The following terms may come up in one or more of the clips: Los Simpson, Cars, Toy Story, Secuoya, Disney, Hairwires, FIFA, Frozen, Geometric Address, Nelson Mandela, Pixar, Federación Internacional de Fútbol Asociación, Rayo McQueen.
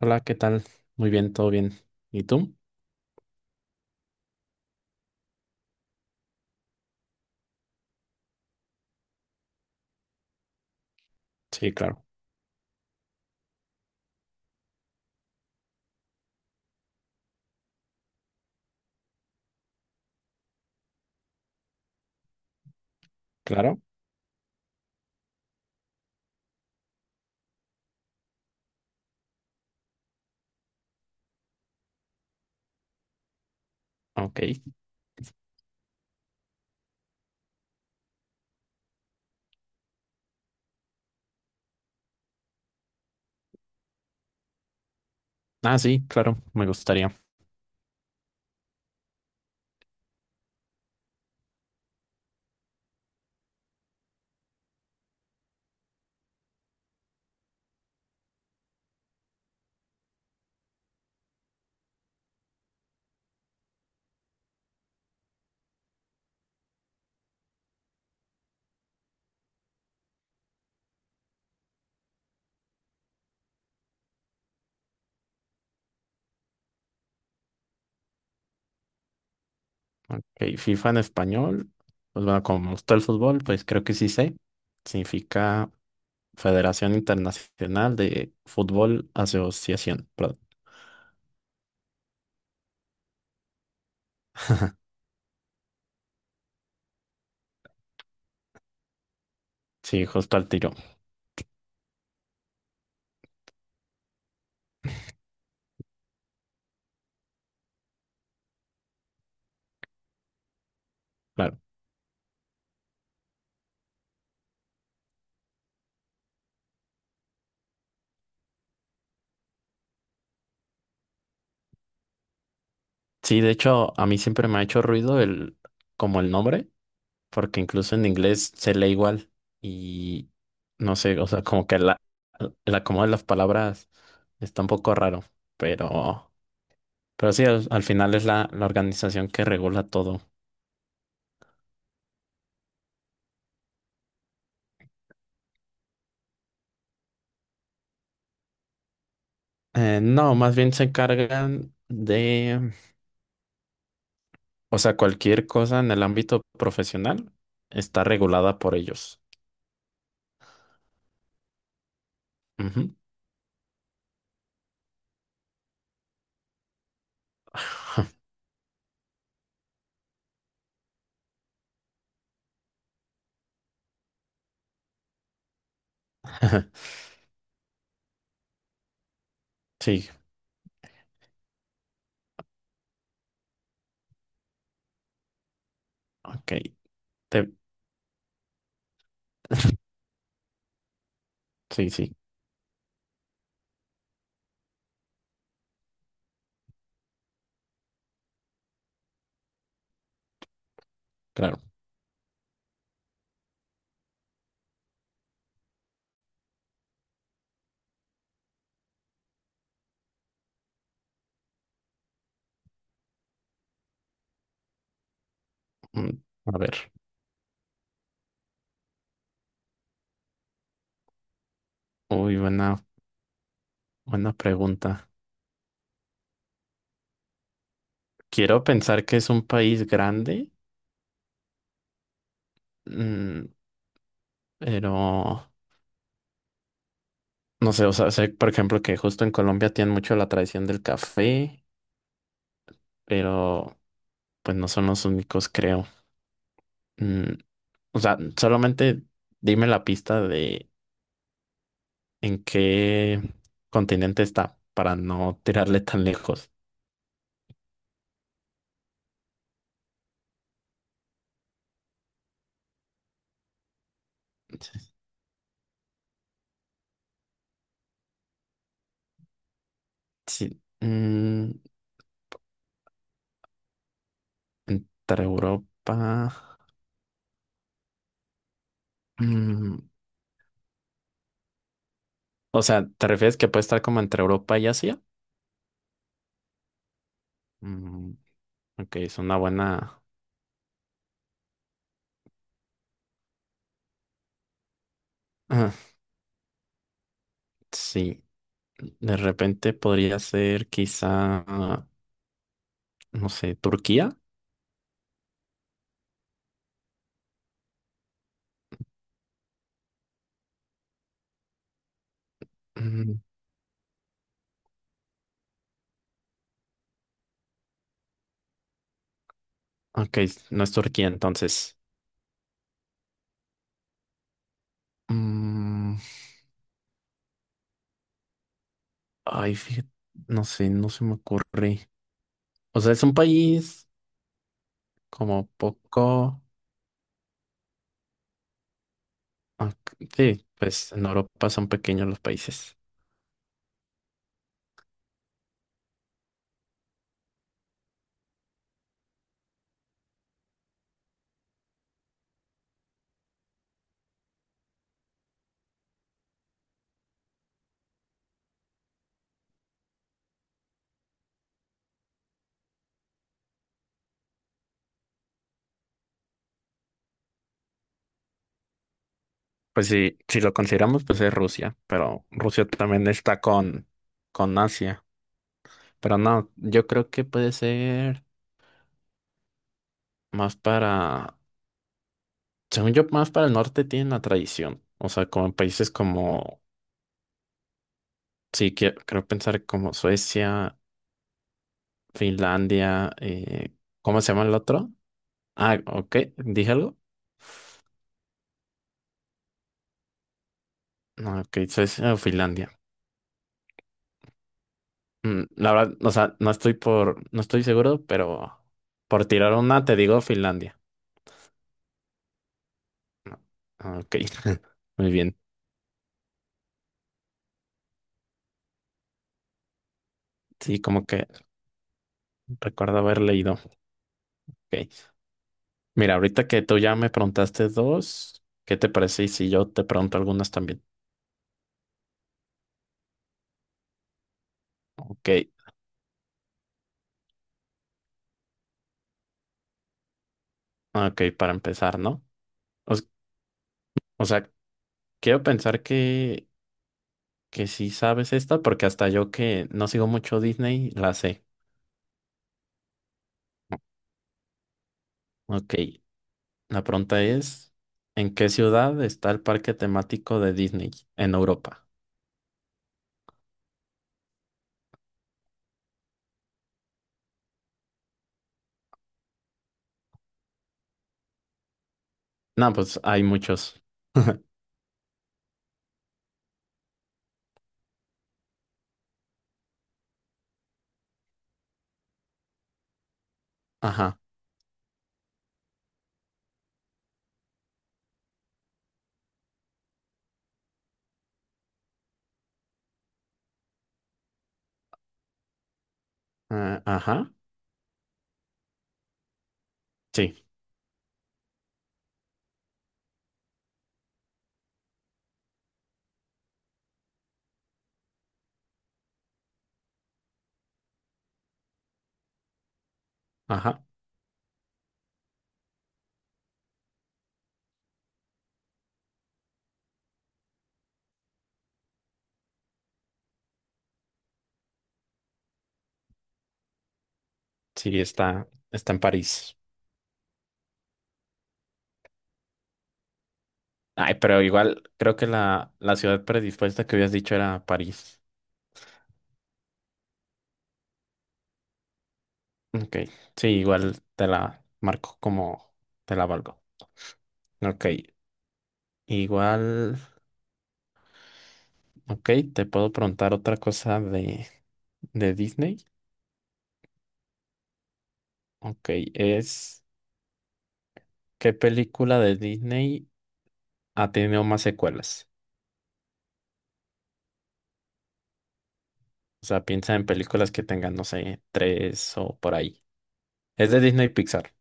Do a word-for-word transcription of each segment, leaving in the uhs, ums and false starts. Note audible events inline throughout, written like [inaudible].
Hola, ¿qué tal? Muy bien, todo bien. ¿Y tú? Sí, claro. Claro. Ok. Ah, sí, claro, me gustaría. Ok, FIFA en español. Pues bueno, como me gusta el fútbol, pues creo que sí sé. Significa Federación Internacional de Fútbol Asociación. Perdón. Sí, justo al tiro. Claro. Sí, de hecho, a mí siempre me ha hecho ruido el, como el nombre, porque incluso en inglés se lee igual y no sé, o sea, como que la, el acomodo de las palabras está un poco raro, pero, pero sí, al, al final es la, la organización que regula todo. Eh, no, más bien se encargan de, o sea, cualquier cosa en el ámbito profesional está regulada por ellos. Ujú. [laughs] Sí, ok. Te- sí, sí, claro. Mm, a ver. Uy, buena, buena pregunta. Quiero pensar que es un país grande, mm, pero no sé, o sea, sé, por ejemplo, que justo en Colombia tienen mucho la tradición del café, pero pues no son los únicos, creo. Mm, o sea, solamente dime la pista de en qué continente está para no tirarle tan lejos. Sí, mm, entre Europa. Mm, o sea, ¿te refieres que puede estar como entre Europa y Asia? Mm, ok, es una buena. Ah, sí, de repente podría ser quizá, ah, no sé, Turquía. Mm, ok, no es Turquía entonces. Mm, ay, fíjate, no sé, no se me ocurre. O sea, es un país como poco... Ah, sí, pues en Europa son pequeños los países. Pues sí, si lo consideramos, pues es Rusia, pero Rusia también está con, con Asia. Pero no, yo creo que puede ser más para... Según yo, más para el norte tienen la tradición. O sea, como en países como, sí, que- creo pensar como Suecia, Finlandia, eh, ¿cómo se llama el otro? Ah, ok, ¿dije algo? No, ok, Suecia o Finlandia. Mm, la verdad, o sea, no estoy por, no estoy seguro, pero por tirar una te digo Finlandia. No, ah, ok, [laughs] muy bien. Sí, como que recuerdo haber leído. Ok. Mira, ahorita que tú ya me preguntaste dos, ¿qué te parece? Y si yo te pregunto algunas también. Ok. Ok, para empezar, ¿no? O, s- o sea, quiero pensar que, que sí sabes esta, porque hasta yo que no sigo mucho Disney, la sé. Ok, la pregunta es, ¿en qué ciudad está el parque temático de Disney en Europa? No, pues hay muchos. [laughs] Ajá, ah, ajá, sí, ajá, sí, está, está en París. Ay, pero igual creo que la, la ciudad predispuesta que habías dicho era París. Ok, sí, igual te la marco como te la valgo. Ok, igual, ok, te puedo preguntar otra cosa de, de Disney. Ok, es ¿qué película de Disney ha tenido más secuelas? O sea, piensa en películas que tengan, no sé, tres o por ahí. Es de Disney Pixar.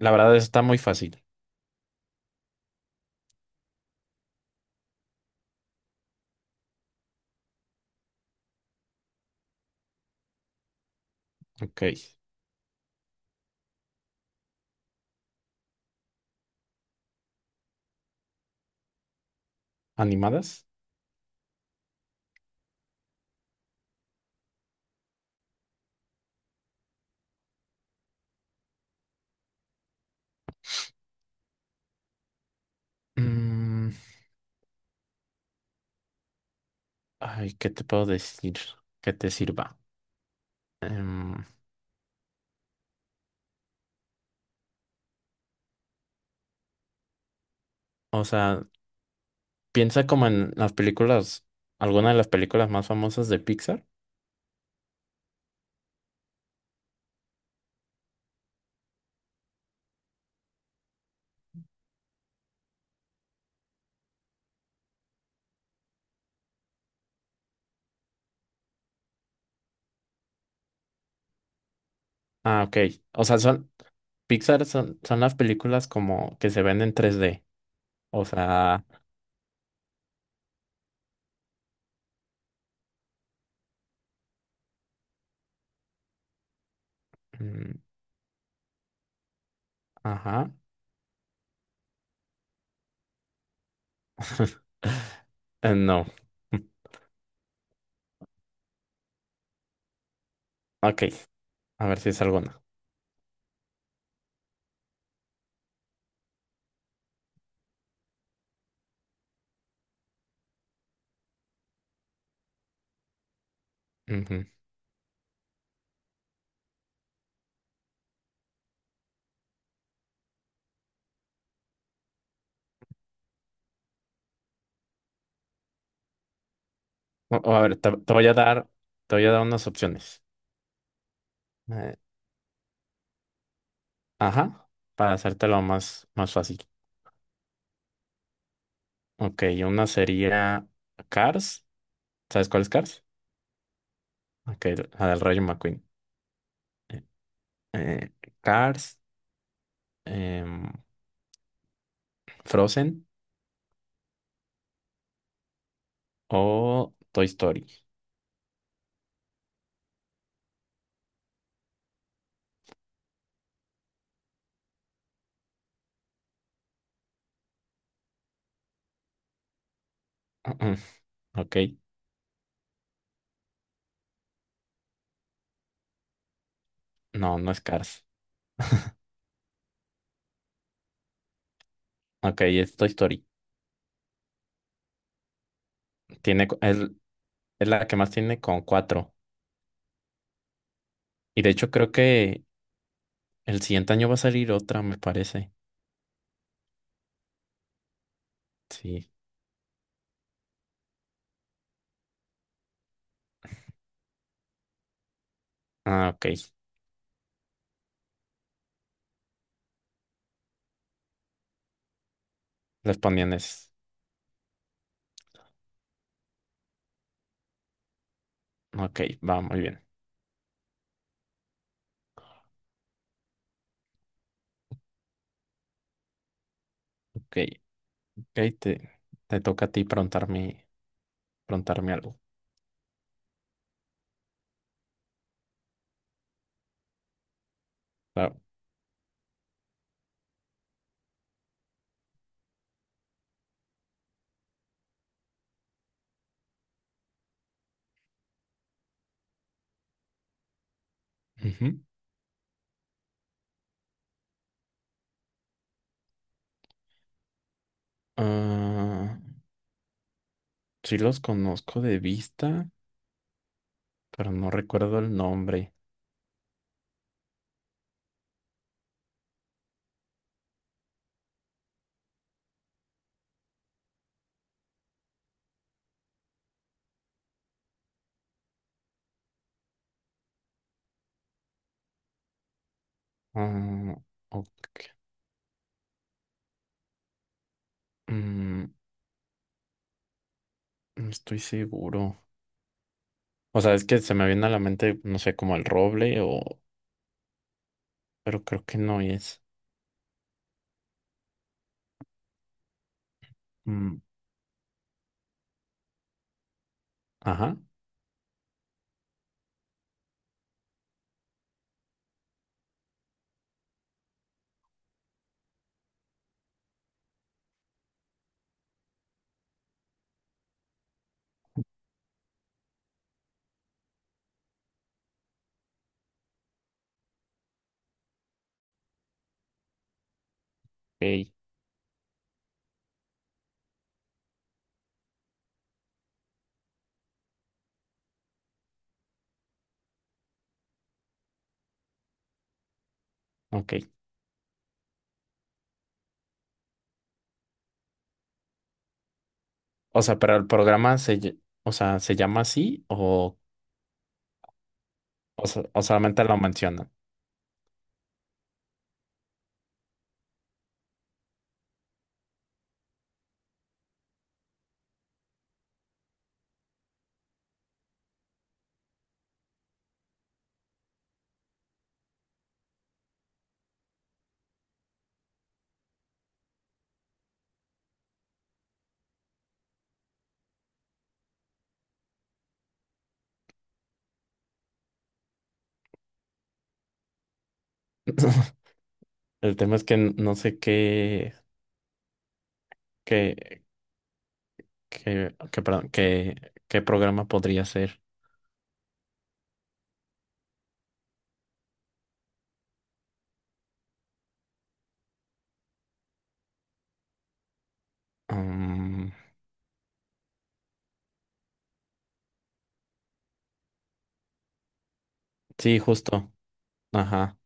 La verdad, eso está muy fácil. Ok, ¿animadas? Mm, ay, ¿qué te puedo decir que te sirva? Em, o sea, piensa como en las películas, alguna de las películas más famosas de Pixar. Ah, ok. O sea, son Pixar son, son las películas como que se ven en tres d. O sea, mm, ajá. [laughs] Eh, no. Ok. A ver si es alguna. Ujú. O, o A ver, te, te voy a dar, te voy a dar unas opciones. Eh, ajá. Para hacértelo más, más fácil. Ok, una sería Cars. ¿Sabes cuál es Cars? Ok, la del Rayo McQueen. Eh, eh, Cars, em, Frozen o Toy Story. [clears throat] Ok, no, no es Cars. Ok, es Toy Story. Tiene, cu- es, es la que más tiene con cuatro. Y de hecho creo que el siguiente año va a salir otra, me parece. Sí. Ah, ok. Las poníanes. Ok, va muy bien. Ok, ok, te, te toca a ti preguntarme, preguntarme algo. Claro. Ujú. Ah, sí los conozco de vista, pero no recuerdo el nombre. Ah, ok. Mm, no estoy seguro. O sea, es que se me viene a la mente, no sé, como el roble o... Pero creo que no es. Mm, ajá. Ok, ok. O sea, pero el programa se... lle- o sea, ¿se llama así o... O sea, o solamente lo mencionan? [laughs] El tema es que n- no sé qué... Qué... Qué... Qué, perdón, qué, qué programa podría ser. Mm, sí, justo. Ajá.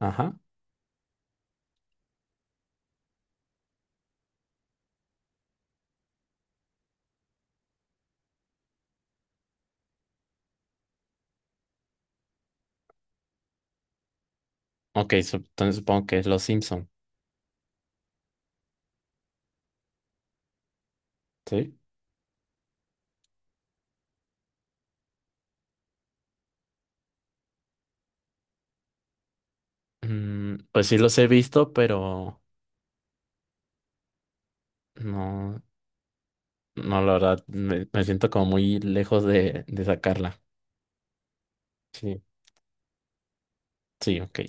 Ajá. Ok, sup- entonces supongo que es Los Simpson. ¿Sí? Mm, pues sí los he visto, pero... No. No, la verdad, me, me siento como muy lejos de, de sacarla. Sí, sí, ok.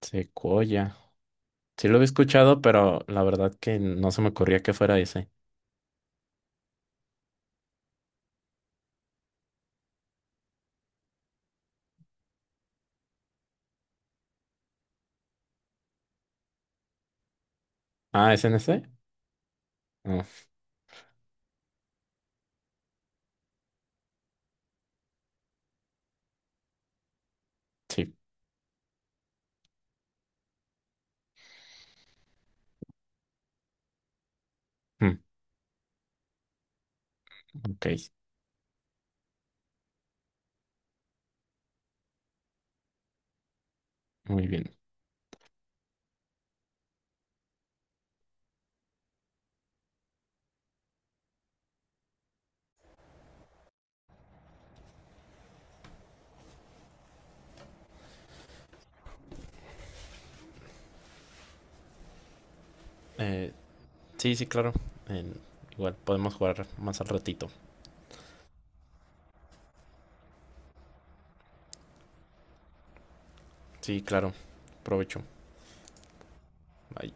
Secuoya. Sí lo había escuchado, pero la verdad que no se me ocurría que fuera ese. Ah, ¿es en ese? No, sí. Mm, ok, muy bien. Eh, sí, sí, claro. En- igual podemos jugar más al ratito. Sí, claro. Provecho. Bye.